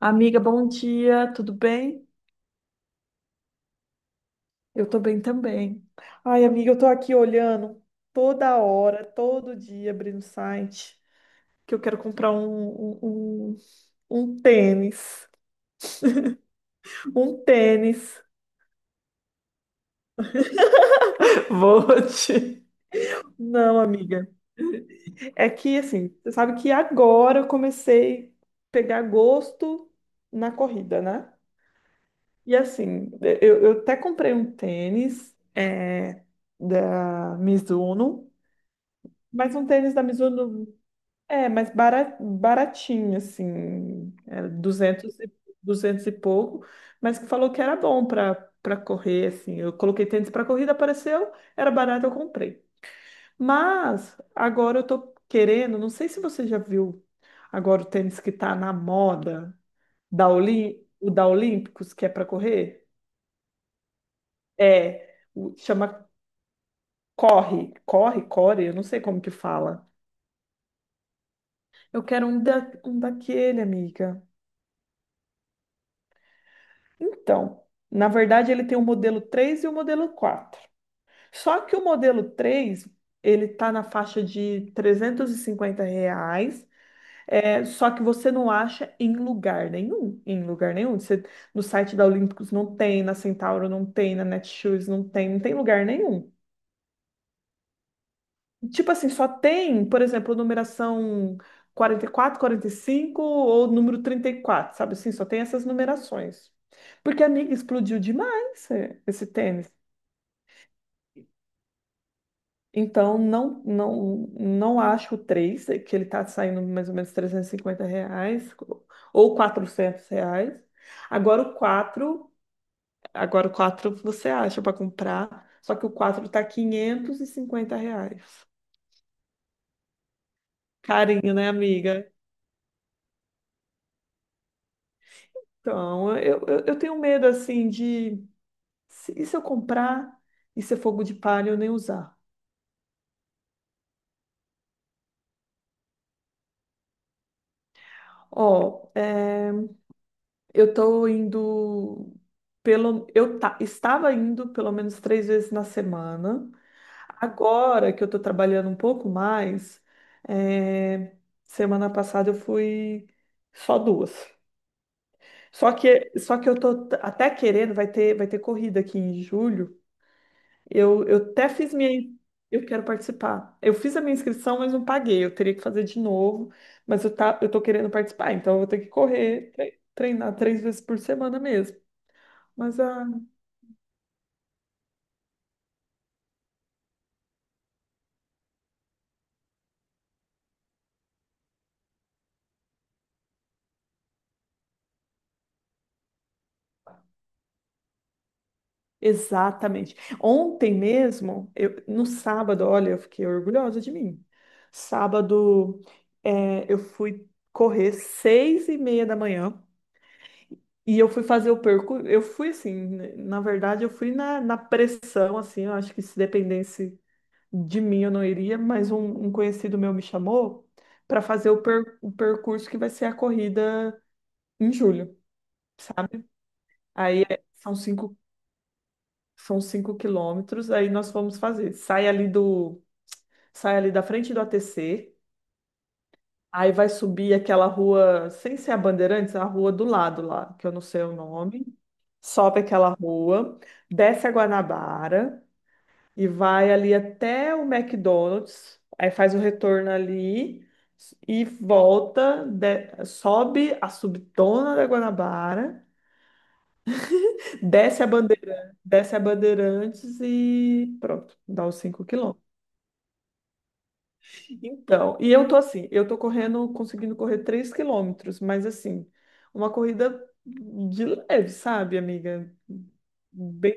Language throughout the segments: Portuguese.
Amiga, bom dia, tudo bem? Eu tô bem também. Ai, amiga, eu tô aqui olhando toda hora, todo dia, abrindo o site, que eu quero comprar um tênis. Um tênis. Vou te. Não, amiga. É que, assim, você sabe que agora eu comecei a pegar gosto na corrida, né? E, assim, eu até comprei um tênis da Mizuno, mas um tênis da Mizuno. É, mas baratinho, assim, 200 e pouco, mas que falou que era bom para correr, assim. Eu coloquei tênis para corrida, apareceu, era barato, eu comprei. Mas agora eu tô querendo, não sei se você já viu agora o tênis que tá na moda, o da Olímpicos, que é para correr. É, chama Corre, Corre, Core, eu não sei como que fala. Eu quero um daquele, amiga. Então, na verdade, ele tem o modelo 3 e o modelo 4. Só que o modelo 3, ele está na faixa de R$ 350, só que você não acha em lugar nenhum, em lugar nenhum. No site da Olímpicos não tem, na Centauro não tem, na Netshoes não tem, não tem lugar nenhum. Tipo assim, só tem, por exemplo, numeração quarenta e quatro, 45 ou número 34, sabe assim? Só tem essas numerações. Porque, amiga, explodiu demais esse tênis. Então, não acho o 3 que ele está saindo mais ou menos R$ 350 ou R$ 400. Agora o 4 agora o 4 você acha para comprar, só que o 4 está R$ 550. Carinho, né, amiga? Então, eu tenho medo, assim. De... se- E se eu comprar e ser fogo de palha e eu nem usar? Ó, eu tô indo estava indo pelo menos três vezes na semana. Agora que eu tô trabalhando um pouco mais, é, semana passada eu fui só duas. Só que eu tô até querendo, vai ter corrida aqui em julho. Eu, eu até fiz minha in- eu quero participar. Eu fiz a minha inscrição, mas não paguei. Eu teria que fazer de novo, mas eu tô querendo participar, então eu vou ter que correr, treinar três vezes por semana mesmo. Mas ah, exatamente. Ontem mesmo, no sábado, olha, eu fiquei orgulhosa de mim. Sábado, eu fui correr 6h30 da manhã e eu fui fazer o percurso. Eu fui assim, né, na verdade, eu fui na pressão, assim. Eu acho que se dependesse de mim, eu não iria. Mas um conhecido meu me chamou para fazer o percurso que vai ser a corrida em julho, sabe? Aí São 5 km, aí nós fomos fazer. Sai ali da frente do ATC, aí vai subir aquela rua, sem ser a Bandeirantes, a rua do lado lá, que eu não sei o nome. Sobe aquela rua, desce a Guanabara e vai ali até o McDonald's, aí faz o retorno ali e volta, sobe a subtona da Guanabara, desce a Bandeirantes e pronto, dá os 5 km. Então, e eu tô assim, eu tô correndo, conseguindo correr 3 km, mas assim, uma corrida de leve, sabe, amiga? Bem,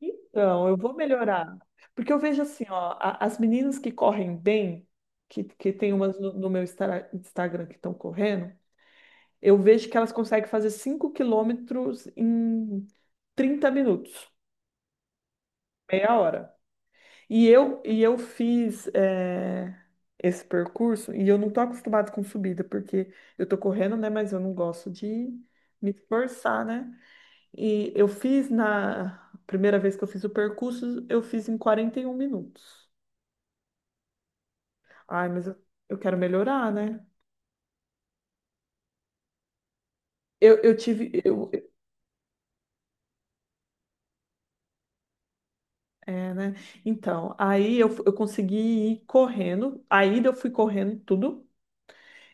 então, eu vou melhorar. Porque eu vejo assim, ó, as meninas que correm bem, que tem umas no meu Instagram que estão correndo, eu vejo que elas conseguem fazer 5 km em 30 minutos, meia hora. E eu fiz esse percurso e eu não tô acostumada com subida, porque eu tô correndo, né? Mas eu não gosto de me esforçar, né? E eu fiz na primeira vez que eu fiz o percurso, eu fiz em 41 minutos. Ai, mas eu quero melhorar, né? Eu tive. Eu, né? Então, eu consegui ir correndo. A ida eu fui correndo tudo.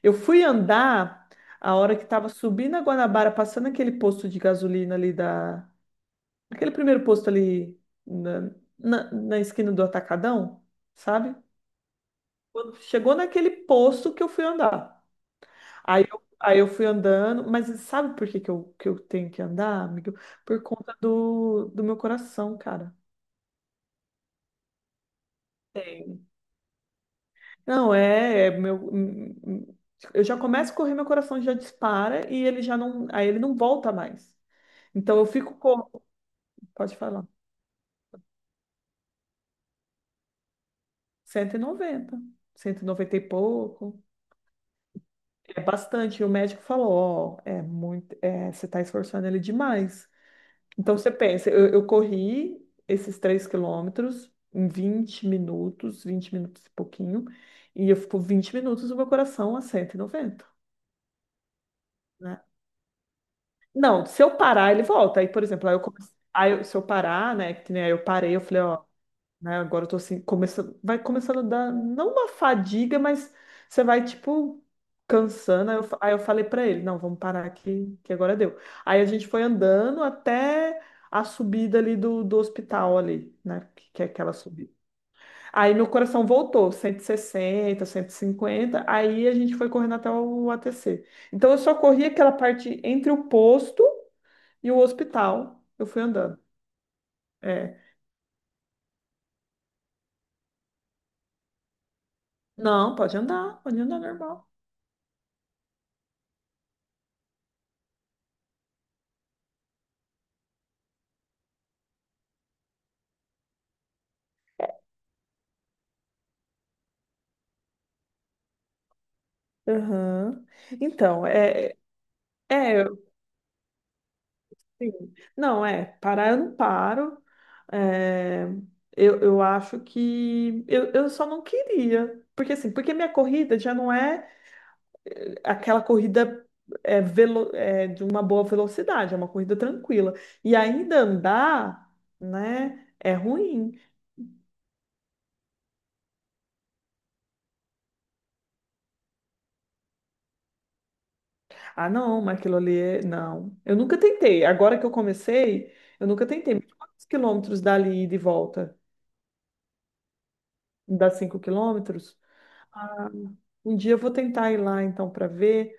Eu fui andar a hora que tava subindo a Guanabara, passando aquele posto de gasolina ali da. Aquele primeiro posto ali na, na esquina do Atacadão, sabe? Quando chegou naquele posto que eu fui andar. Aí eu fui andando, mas sabe por que que eu tenho que andar, amigo? Por conta do meu coração, cara. Tem. Não, é meu. Eu já começo a correr, meu coração já dispara e ele já não. Aí ele não volta mais. Então eu fico. Pode falar. 190, 190 e pouco. É bastante. E o médico falou, ó, é muito, você está esforçando ele demais. Então você pensa, eu corri esses 3 km em 20 minutos, 20 minutos e pouquinho, e eu fico 20 minutos o meu coração a 190, né? Não, se eu parar, ele volta. Aí, por exemplo, aí eu comecei, se eu parar, né, que nem aí eu parei, eu falei, ó, né? Agora eu tô assim, começando, vai começando a dar, não uma fadiga, mas você vai, tipo, cansando. Aí eu falei pra ele, não, vamos parar aqui, que agora deu. Aí a gente foi andando até a subida ali do hospital ali, né? Que é aquela subida. Aí meu coração voltou, 160 150 aí a gente foi correndo até o ATC. Então eu só corri aquela parte entre o posto e o hospital. Eu fui andando. É. Não, pode andar normal. Aham. Então, é, eu- sim. Não, é, parar eu não paro. É, eu acho que eu só não queria. Porque assim, porque minha corrida já não é aquela corrida de uma boa velocidade, é uma corrida tranquila. E ainda andar, né, é ruim. Ah, não, mas aquilo ali é. Não. Eu nunca tentei. Agora que eu comecei, eu nunca tentei. Mas quantos quilômetros dali e de volta? Dá 5 km? Ah, um dia eu vou tentar ir lá então para ver.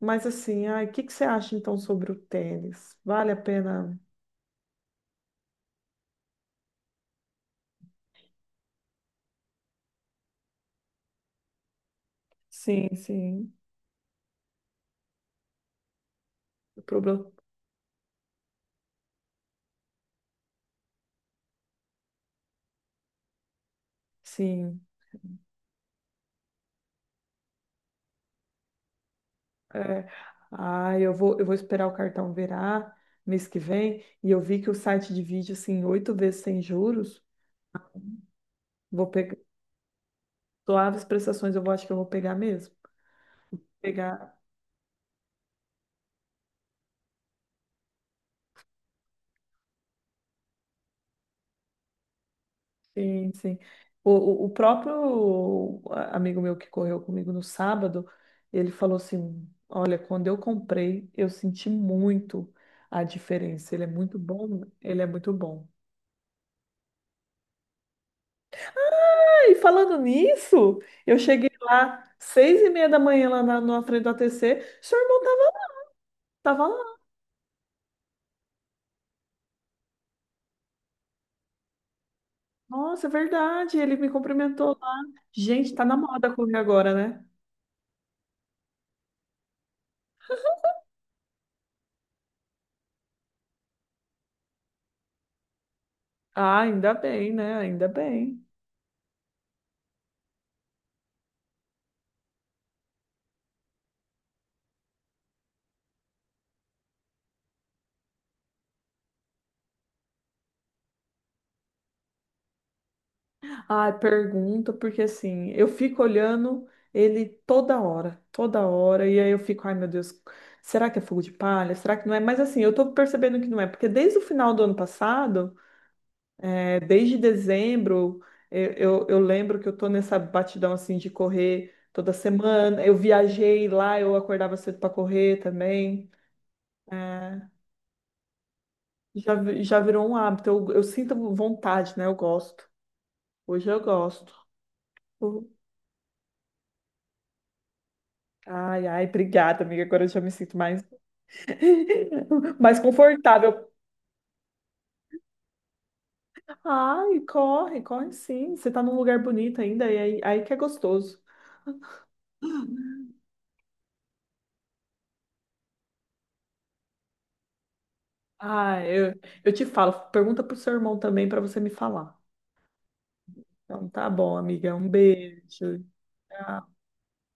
Mas assim, ai, o que que você acha então sobre o tênis? Vale a pena? Sim, sim. O problema, sim. É. Ah, eu vou esperar o cartão virar mês que vem. E eu vi que o site divide assim oito vezes sem juros. Vou pegar suaves prestações. Acho que eu vou pegar mesmo. Pegar. Sim, sim. O próprio amigo meu que correu comigo no sábado, ele falou assim: Olha, quando eu comprei, eu senti muito a diferença. Ele é muito bom, ele é muito bom. Ah, e falando nisso, eu cheguei lá 6h30 da manhã lá na frente do ATC seu irmão tava lá. Nossa, é verdade, ele me cumprimentou lá. Gente, tá na moda correr agora, né? Ah, ainda bem, né? Ainda bem. Ah, pergunta, porque assim, eu fico olhando ele toda hora, e aí eu fico, ai meu Deus, será que é fogo de palha? Será que não é? Mas assim, eu tô percebendo que não é, porque desde o final do ano passado, desde dezembro, eu lembro que eu tô nessa batidão assim de correr toda semana. Eu viajei lá, eu acordava cedo para correr também. É, já, já virou um hábito, eu sinto vontade, né? Eu gosto. Hoje eu gosto. Ai, ai, obrigada, amiga. Agora eu já me sinto mais, mais confortável. Ai, corre, corre sim. Você tá num lugar bonito ainda, e aí que é gostoso. Ah, eu te falo. Pergunta pro seu irmão também para você me falar. Então tá bom, amiga. Um beijo. Tchau.